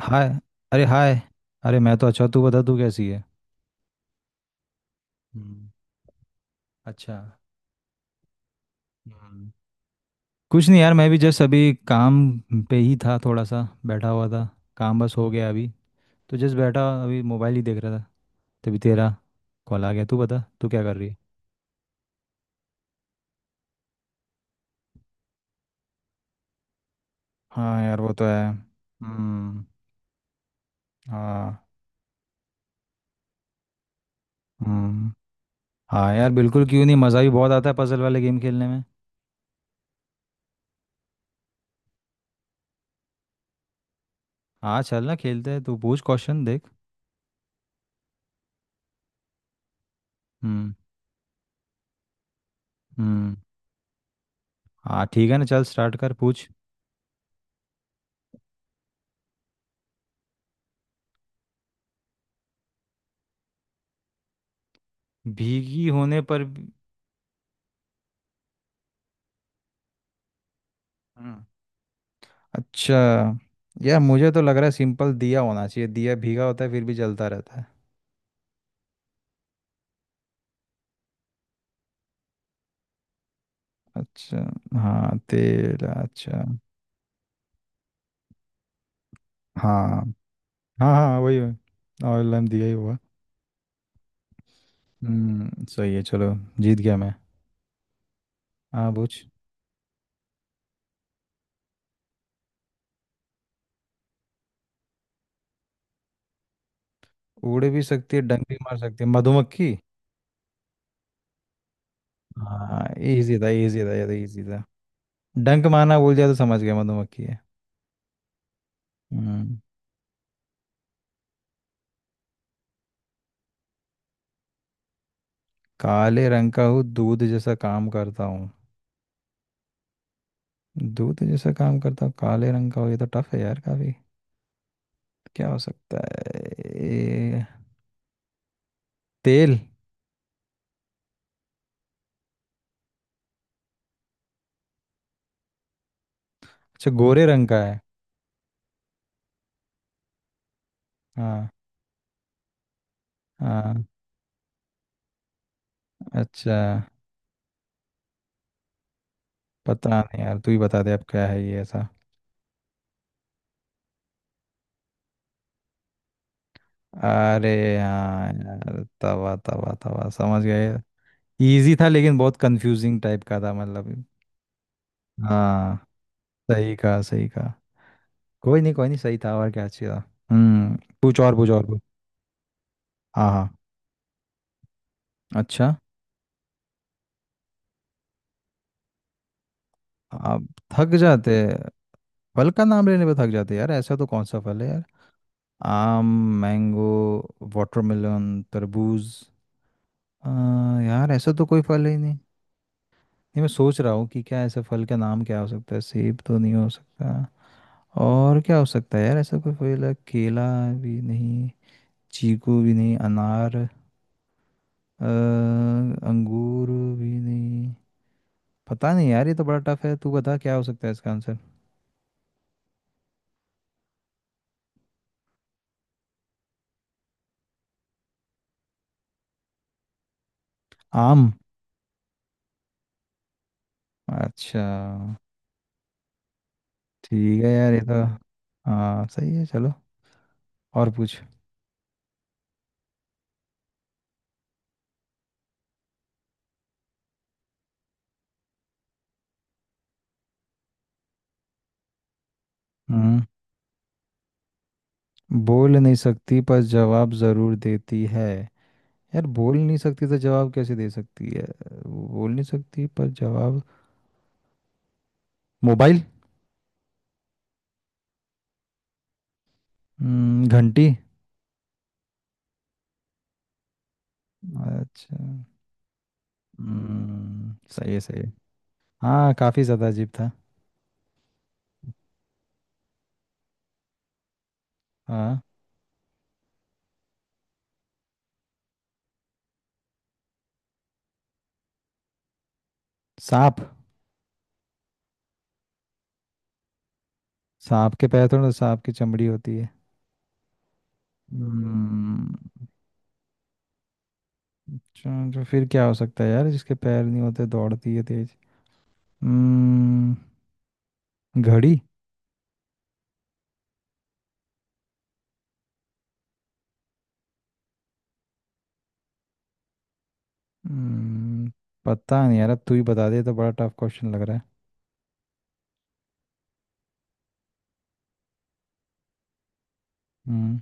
हाय। अरे हाय। अरे मैं तो अच्छा, तू बता, तू कैसी है? हम्म। अच्छा। हम्म। कुछ नहीं यार, मैं भी जस्ट अभी काम पे ही था, थोड़ा सा बैठा हुआ था। काम बस हो गया अभी, तो जस्ट बैठा अभी मोबाइल ही देख रहा था। तभी तेरा कॉल आ गया। तू बता, तू क्या कर रही है? हाँ यार, वो तो है। हम्म। हाँ। हम्म। हाँ यार बिल्कुल, क्यों नहीं, मज़ा भी बहुत आता है पजल वाले गेम खेलने में। हाँ चल ना, खेलते हैं, तू पूछ क्वेश्चन, देख। हम्म। हम्म। हाँ ठीक है ना, चल स्टार्ट कर, पूछ। भीगी होने पर भी- हम्म, अच्छा। यार मुझे तो लग रहा है सिंपल दिया होना चाहिए, दिया भीगा होता है फिर भी जलता रहता है। अच्छा। हाँ, तेल, अच्छा। हाँ हाँ, हाँ वही वही, ऑयल लैम्प दिया ही हुआ। हम्म, सही है, चलो। जीत गया मैं। हाँ, पूछ। उड़ भी सकती है, डंक भी मार सकती है, मधुमक्खी। हाँ, इजी था, इजी था, ये तो इजी था। डंक मारना भूल जाए तो समझ गया मधुमक्खी है। हम्म। काले रंग का हूँ, दूध जैसा काम करता हूँ। दूध जैसा काम करता हूँ काले रंग का हो, ये तो टफ है यार काफी। क्या हो सकता है ये? तेल? अच्छा, गोरे रंग का है। हाँ। हाँ। अच्छा। पता नहीं यार, तू ही बता दे अब, क्या है ये ऐसा। अरे हाँ यार, तवा तवा तवा, समझ गए। इजी था लेकिन बहुत कंफ्यूजिंग टाइप का था, मतलब। हाँ। सही कहा, सही कहा। कोई नहीं, कोई नहीं, सही था, और क्या, अच्छी था। हम्म। पूछ और, पूछ और, पूछ। हाँ हाँ। अच्छा। आप थक जाते हैं। फल का नाम लेने पे थक जाते हैं यार, ऐसा तो कौन सा फल है यार। आम। मैंगो। वाटरमेलन। तरबूज। आ, यार ऐसा तो कोई फल है ही नहीं, नहीं। मैं सोच रहा हूँ कि क्या ऐसा फल का नाम क्या हो सकता है, सेब तो नहीं हो सकता। और क्या हो सकता है यार, ऐसा कोई फल है? केला भी नहीं, चीकू भी नहीं, अनार, अंगूर भी नहीं। पता नहीं यार, ये तो बड़ा टफ है, तू बता क्या हो सकता है इसका आंसर। आम? अच्छा। ठीक है यार, ये तो, हाँ सही है, चलो। और पूछ। हम्म। बोल नहीं सकती पर जवाब जरूर देती है? यार बोल नहीं सकती तो जवाब कैसे दे सकती है। बोल नहीं सकती पर जवाब, मोबाइल? घंटी। अच्छा। सही है, सही है। हाँ, काफी ज्यादा अजीब था। हाँ। सांप। सांप के पैर थोड़ा, सांप की चमड़ी होती है। हम्म, अच्छा, तो फिर क्या हो सकता है यार, जिसके पैर नहीं होते, दौड़ती है तेज। हम्म, घड़ी। हम्म, पता नहीं यार, अब तू ही बता दे, ये तो बड़ा टफ क्वेश्चन लग रहा है। हम्म,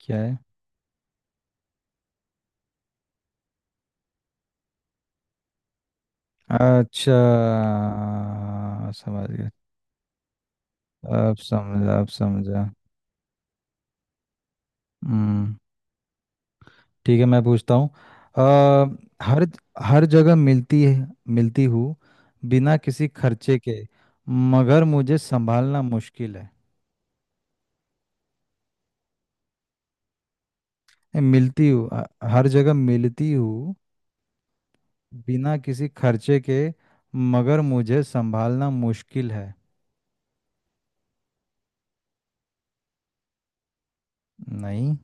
क्या है? अच्छा। समझ गया। अब समझा, अब समझा। हम्म। ठीक है, मैं पूछता हूँ। हर, हर जगह मिलती है, मिलती हूँ बिना किसी खर्चे के, मगर मुझे संभालना मुश्किल है। नहीं, मिलती हूँ, हर जगह मिलती हूँ बिना किसी खर्चे के, मगर मुझे संभालना मुश्किल है। नहीं,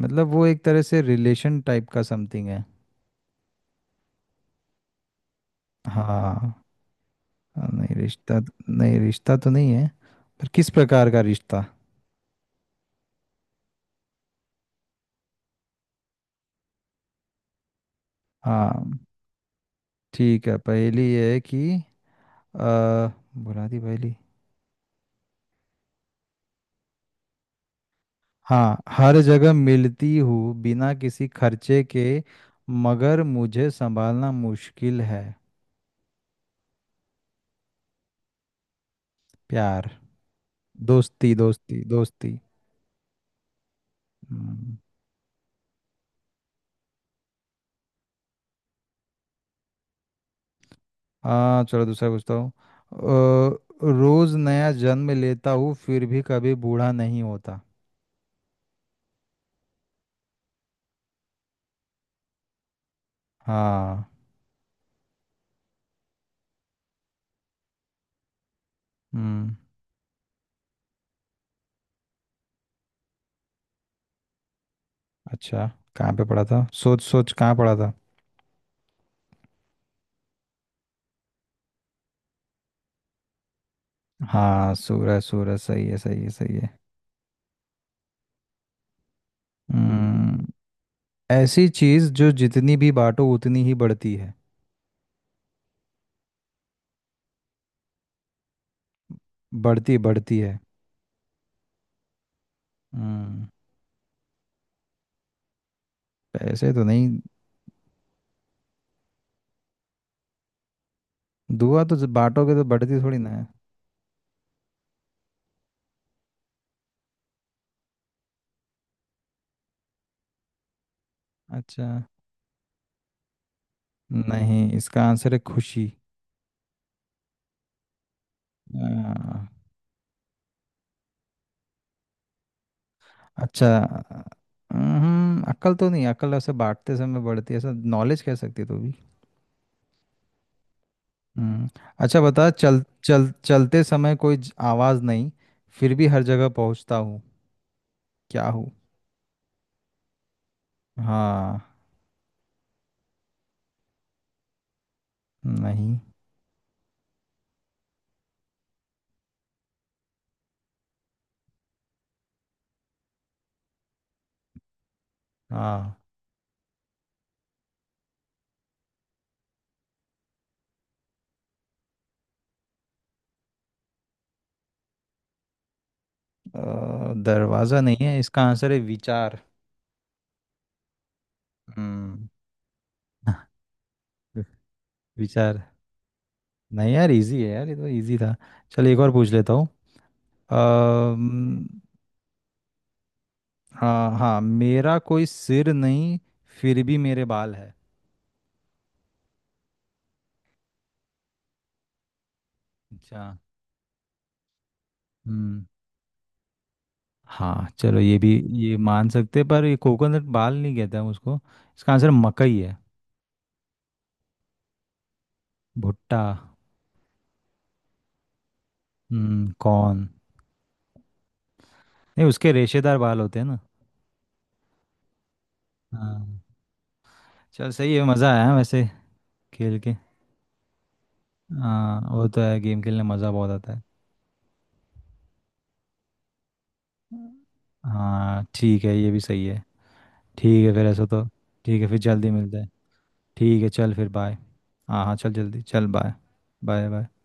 मतलब वो एक तरह से रिलेशन टाइप का समथिंग है। हाँ। नहीं रिश्ता। नहीं, रिश्ता तो नहीं है, पर किस प्रकार का रिश्ता। हाँ ठीक है, पहेली ये है कि आ, बुला दी पहेली। हाँ, हर जगह मिलती हूँ बिना किसी खर्चे के, मगर मुझे संभालना मुश्किल है। प्यार। दोस्ती, दोस्ती, दोस्ती। हम्म। हाँ चलो, दूसरा पूछता हूँ। रोज नया जन्म लेता हूँ फिर भी कभी बूढ़ा नहीं होता। हाँ। हम्म। अच्छा, कहाँ पे पढ़ा था, सोच सोच कहाँ पढ़ा था। हाँ सूरज, सूरज सही है, सही है, सही है। हम्म। ऐसी चीज जो जितनी भी बांटो उतनी ही बढ़ती है। बढ़ती, बढ़ती है। हम्म। पैसे तो नहीं। दुआ तो जब बांटोगे तो बढ़ती थोड़ी ना है। अच्छा। नहीं, इसका आंसर है खुशी। आ, अच्छा। हम्म, अक्ल तो नहीं, अक्ल ऐसे बांटते समय बढ़ती है, ऐसा नॉलेज कह सकती है तू भी। हम्म। अच्छा बता, चल चल, चलते समय कोई आवाज़ नहीं, फिर भी हर जगह पहुंचता हूँ, क्या हूँ? हाँ। नहीं। हाँ, दरवाज़ा नहीं है, इसका आंसर है विचार। हम्म। विचार। नहीं यार, इजी है यार, ये तो इजी था। चल एक और पूछ लेता हूँ। अम्म, हाँ हाँ, मेरा कोई सिर नहीं फिर भी मेरे बाल है। अच्छा। हम्म। हाँ चलो, ये भी। ये मान सकते हैं, पर ये कोकोनट बाल नहीं कहते हम उसको। इसका आंसर मकई है। भुट्टा। हम्म, कॉर्न। नहीं, उसके रेशेदार बाल होते हैं ना। हाँ। चल सही है, मज़ा आया वैसे, खेल के। हाँ वो तो है, गेम खेलने मज़ा बहुत आता है। हाँ ठीक है, ये भी सही है। ठीक है फिर, ऐसा तो। ठीक है, फिर जल्दी मिलते हैं। ठीक है चल, फिर बाय। हाँ हाँ, चल जल्दी, चल बाय। Bye bye.